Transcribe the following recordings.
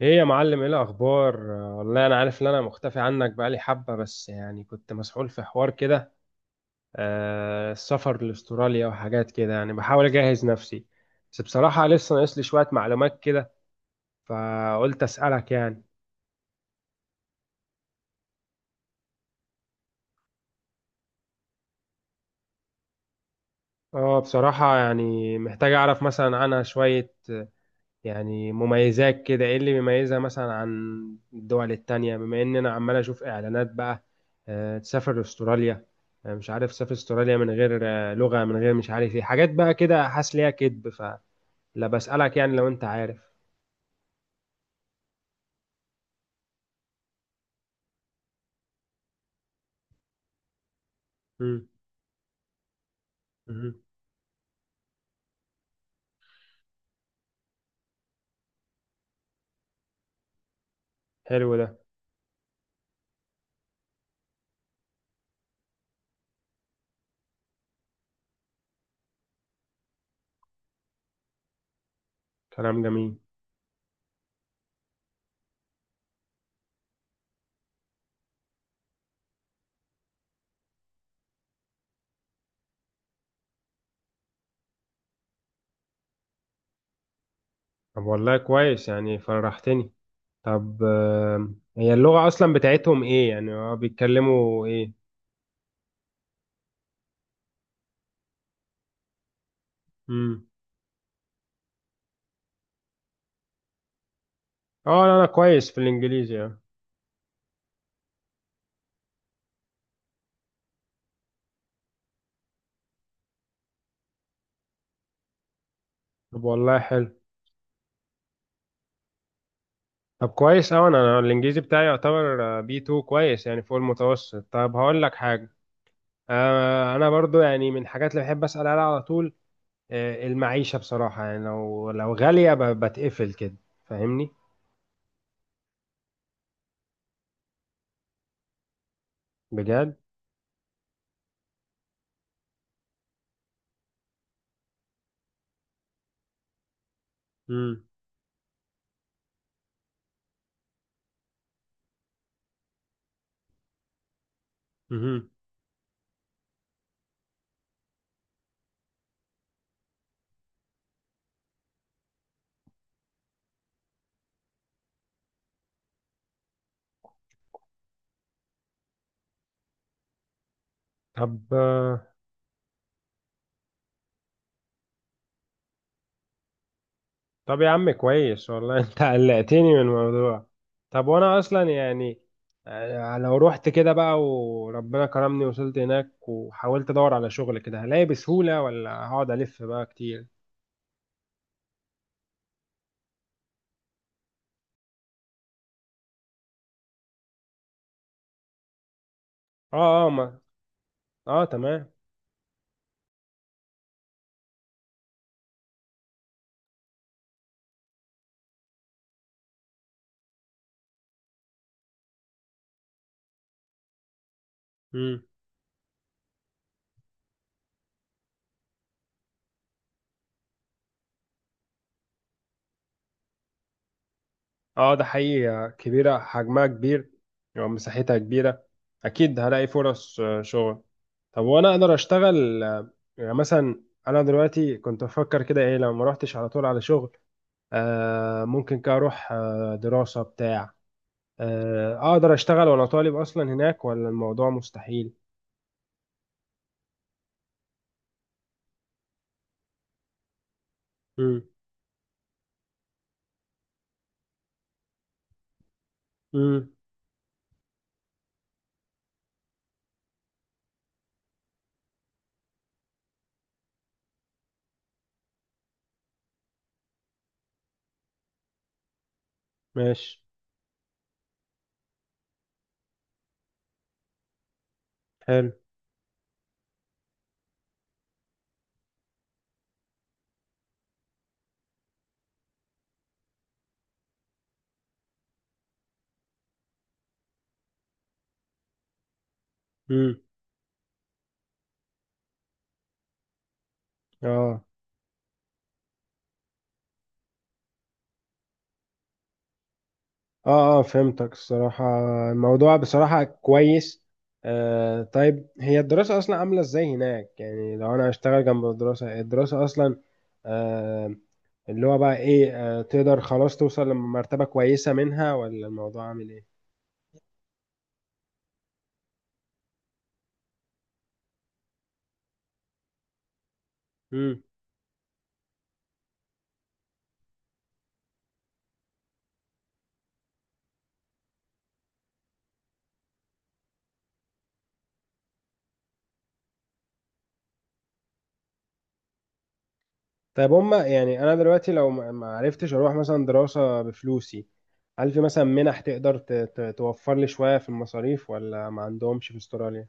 ايه يا معلم، ايه الاخبار؟ والله انا عارف ان انا مختفي عنك بقالي حبة، بس يعني كنت مسحول في حوار كده. السفر لاستراليا وحاجات كده، يعني بحاول اجهز نفسي. بس بصراحة لسه ناقص لي شوية معلومات كده، فقلت اسألك يعني. اه بصراحة يعني محتاج اعرف مثلا عنها شوية. يعني مميزات كده، ايه اللي بيميزها مثلا عن الدول التانية، بما ان انا عمال اشوف اعلانات بقى. تسافر استراليا. مش عارف تسافر استراليا من غير لغة، من غير مش عارف ايه حاجات بقى كده، حاسس ليها كدب فلا. بسألك يعني لو انت عارف. مم. مم. حلو ده. كلام جميل. طب والله كويس يعني، فرحتني. طب هي اللغة اصلا بتاعتهم ايه؟ يعني هو بيتكلموا ايه؟ مم. اه لا، انا كويس في الانجليزي يعني. طب والله حلو. طب كويس أوي. أنا أنا الإنجليزي بتاعي يعتبر بي 2، كويس يعني فوق المتوسط. طب هقول لك حاجة. أنا برضو يعني من الحاجات اللي بحب أسأل عليها على طول، المعيشة بصراحة. يعني لو غالية بتقفل كده، فاهمني؟ بجد. مم. مهم. طب طب يا عم كويس، والله أنت قلقتني من الموضوع. طب وأنا أصلا يعني، لو رحت كده بقى وربنا كرمني وصلت هناك وحاولت أدور على شغل كده، هلاقي بسهولة ولا هقعد ألف بقى كتير؟ اه اه ما. اه تمام. مم. اه ده حقيقي كبيرة، حجمها كبير ومساحتها كبيرة. أكيد هلاقي فرص شغل. طب وأنا أقدر أشتغل، يعني مثلا أنا دلوقتي كنت بفكر كده إيه، لو ما روحتش على طول على شغل، ممكن كده أروح دراسة بتاع. أقدر أشتغل وأنا طالب أصلا هناك ولا الموضوع مستحيل؟ مم. مم. ماشي. حلو. مم. اه اه اه فهمتك الصراحة. الموضوع بصراحة كويس. طيب، هي الدراسة أصلا عاملة ازاي هناك؟ يعني لو أنا هشتغل جنب الدراسة، الدراسة أصلا، آه اللي هو بقى ايه، تقدر خلاص توصل لمرتبة كويسة منها ولا الموضوع عامل ايه؟ مم. طيب هما يعني، أنا دلوقتي لو ما عرفتش أروح مثلا دراسة بفلوسي، هل في مثلا منح تقدر توفر لي شوية في المصاريف، ولا ما عندهمش في استراليا؟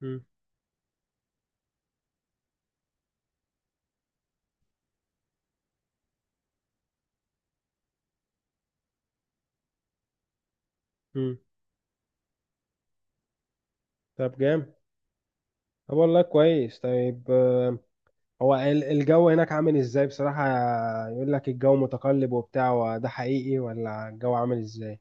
مم. مم. طب جامد. طب والله كويس. طيب هو الجو هناك عامل ازاي بصراحة؟ يقول لك الجو متقلب وبتاع، وده حقيقي ولا الجو عامل ازاي؟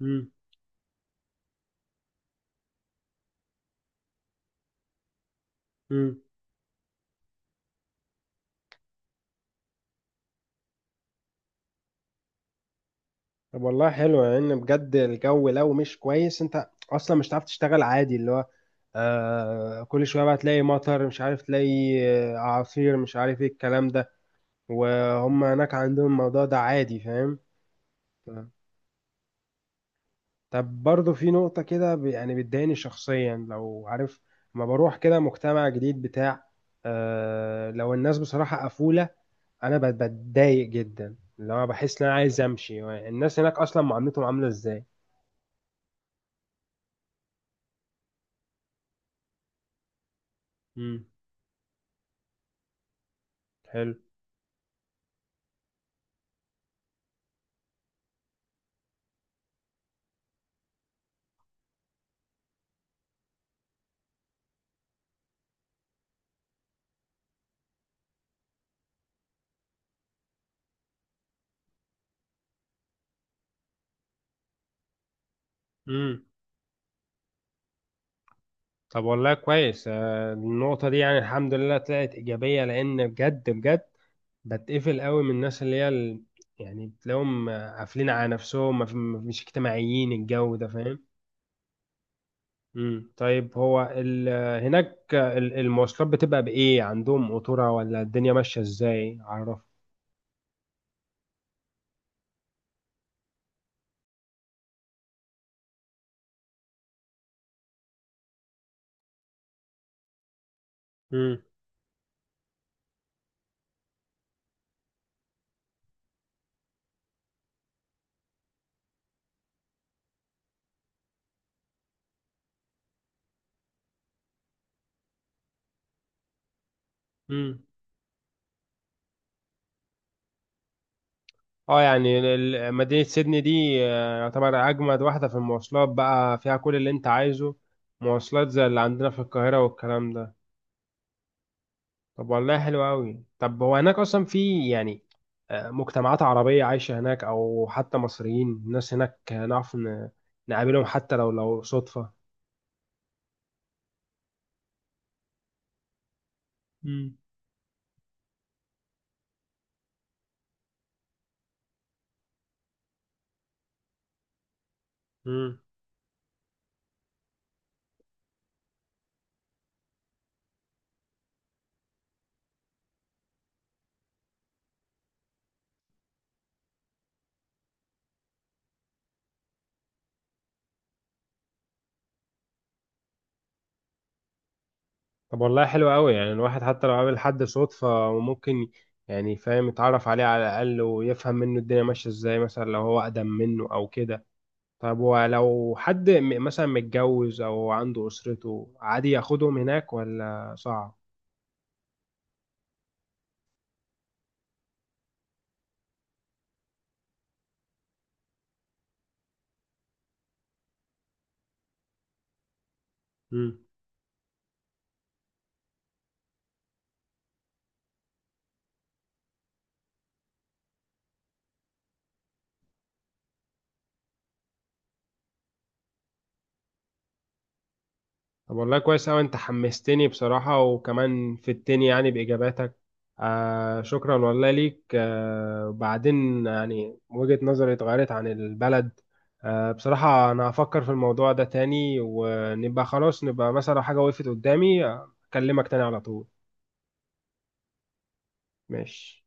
امم. امم. طب والله حلو، لان يعني بجد الجو لو مش كويس انت اصلا مش هتعرف تشتغل عادي. اللي هو كل شوية بقى تلاقي مطر، مش عارف تلاقي اعاصير، مش عارف ايه الكلام ده. وهم هناك عندهم الموضوع ده عادي، فاهم؟ طب برضه في نقطة كده يعني بتضايقني شخصيا لو عارف. ما بروح كده مجتمع جديد بتاع، لو الناس بصراحة قفولة، أنا بتضايق جدا. اللي هو بحس إن أنا عايز أمشي. الناس هناك أصلا معاملتهم عاملة إزاي؟ مم. حلو. مم. طب والله كويس. النقطة دي يعني الحمد لله طلعت إيجابية، لأن بجد بجد بتقفل قوي من الناس اللي هي يعني بتلاقيهم قافلين على نفسهم، ما في- ما- مش اجتماعيين، الجو ده فاهم؟ امم. طيب هو هناك المواصلات بتبقى بإيه؟ عندهم قطورة ولا الدنيا ماشية إزاي، عرف؟ امم. امم. اه يعني مدينة سيدني دي يعتبر أجمد واحدة في المواصلات، بقى فيها كل اللي أنت عايزه. مواصلات زي اللي عندنا في القاهرة والكلام ده. طب والله حلو أوي. طب هو هناك أصلا في يعني مجتمعات عربية عايشة هناك، أو حتى مصريين؟ الناس هناك نعرف نقابلهم، حتى لو صدفة؟ امم. طب والله حلو قوي، يعني الواحد حتى لو قابل حد صدفة، ممكن يعني فاهم يتعرف عليه على الأقل، ويفهم منه الدنيا ماشية ازاي، مثلا لو هو أقدم منه أو كده. طب ولو حد مثلا متجوز أو عنده أسرته، عادي ياخدهم هناك ولا صعب؟ مم. طب والله كويس أوي. أنت حمستني بصراحة، وكمان فدتني يعني بإجاباتك. شكرا والله ليك. بعدين يعني وجهة نظري اتغيرت عن البلد. بصراحة أنا هفكر في الموضوع ده تاني، ونبقى خلاص نبقى مثلا لو حاجة وقفت قدامي، أكلمك تاني على طول. ماشي.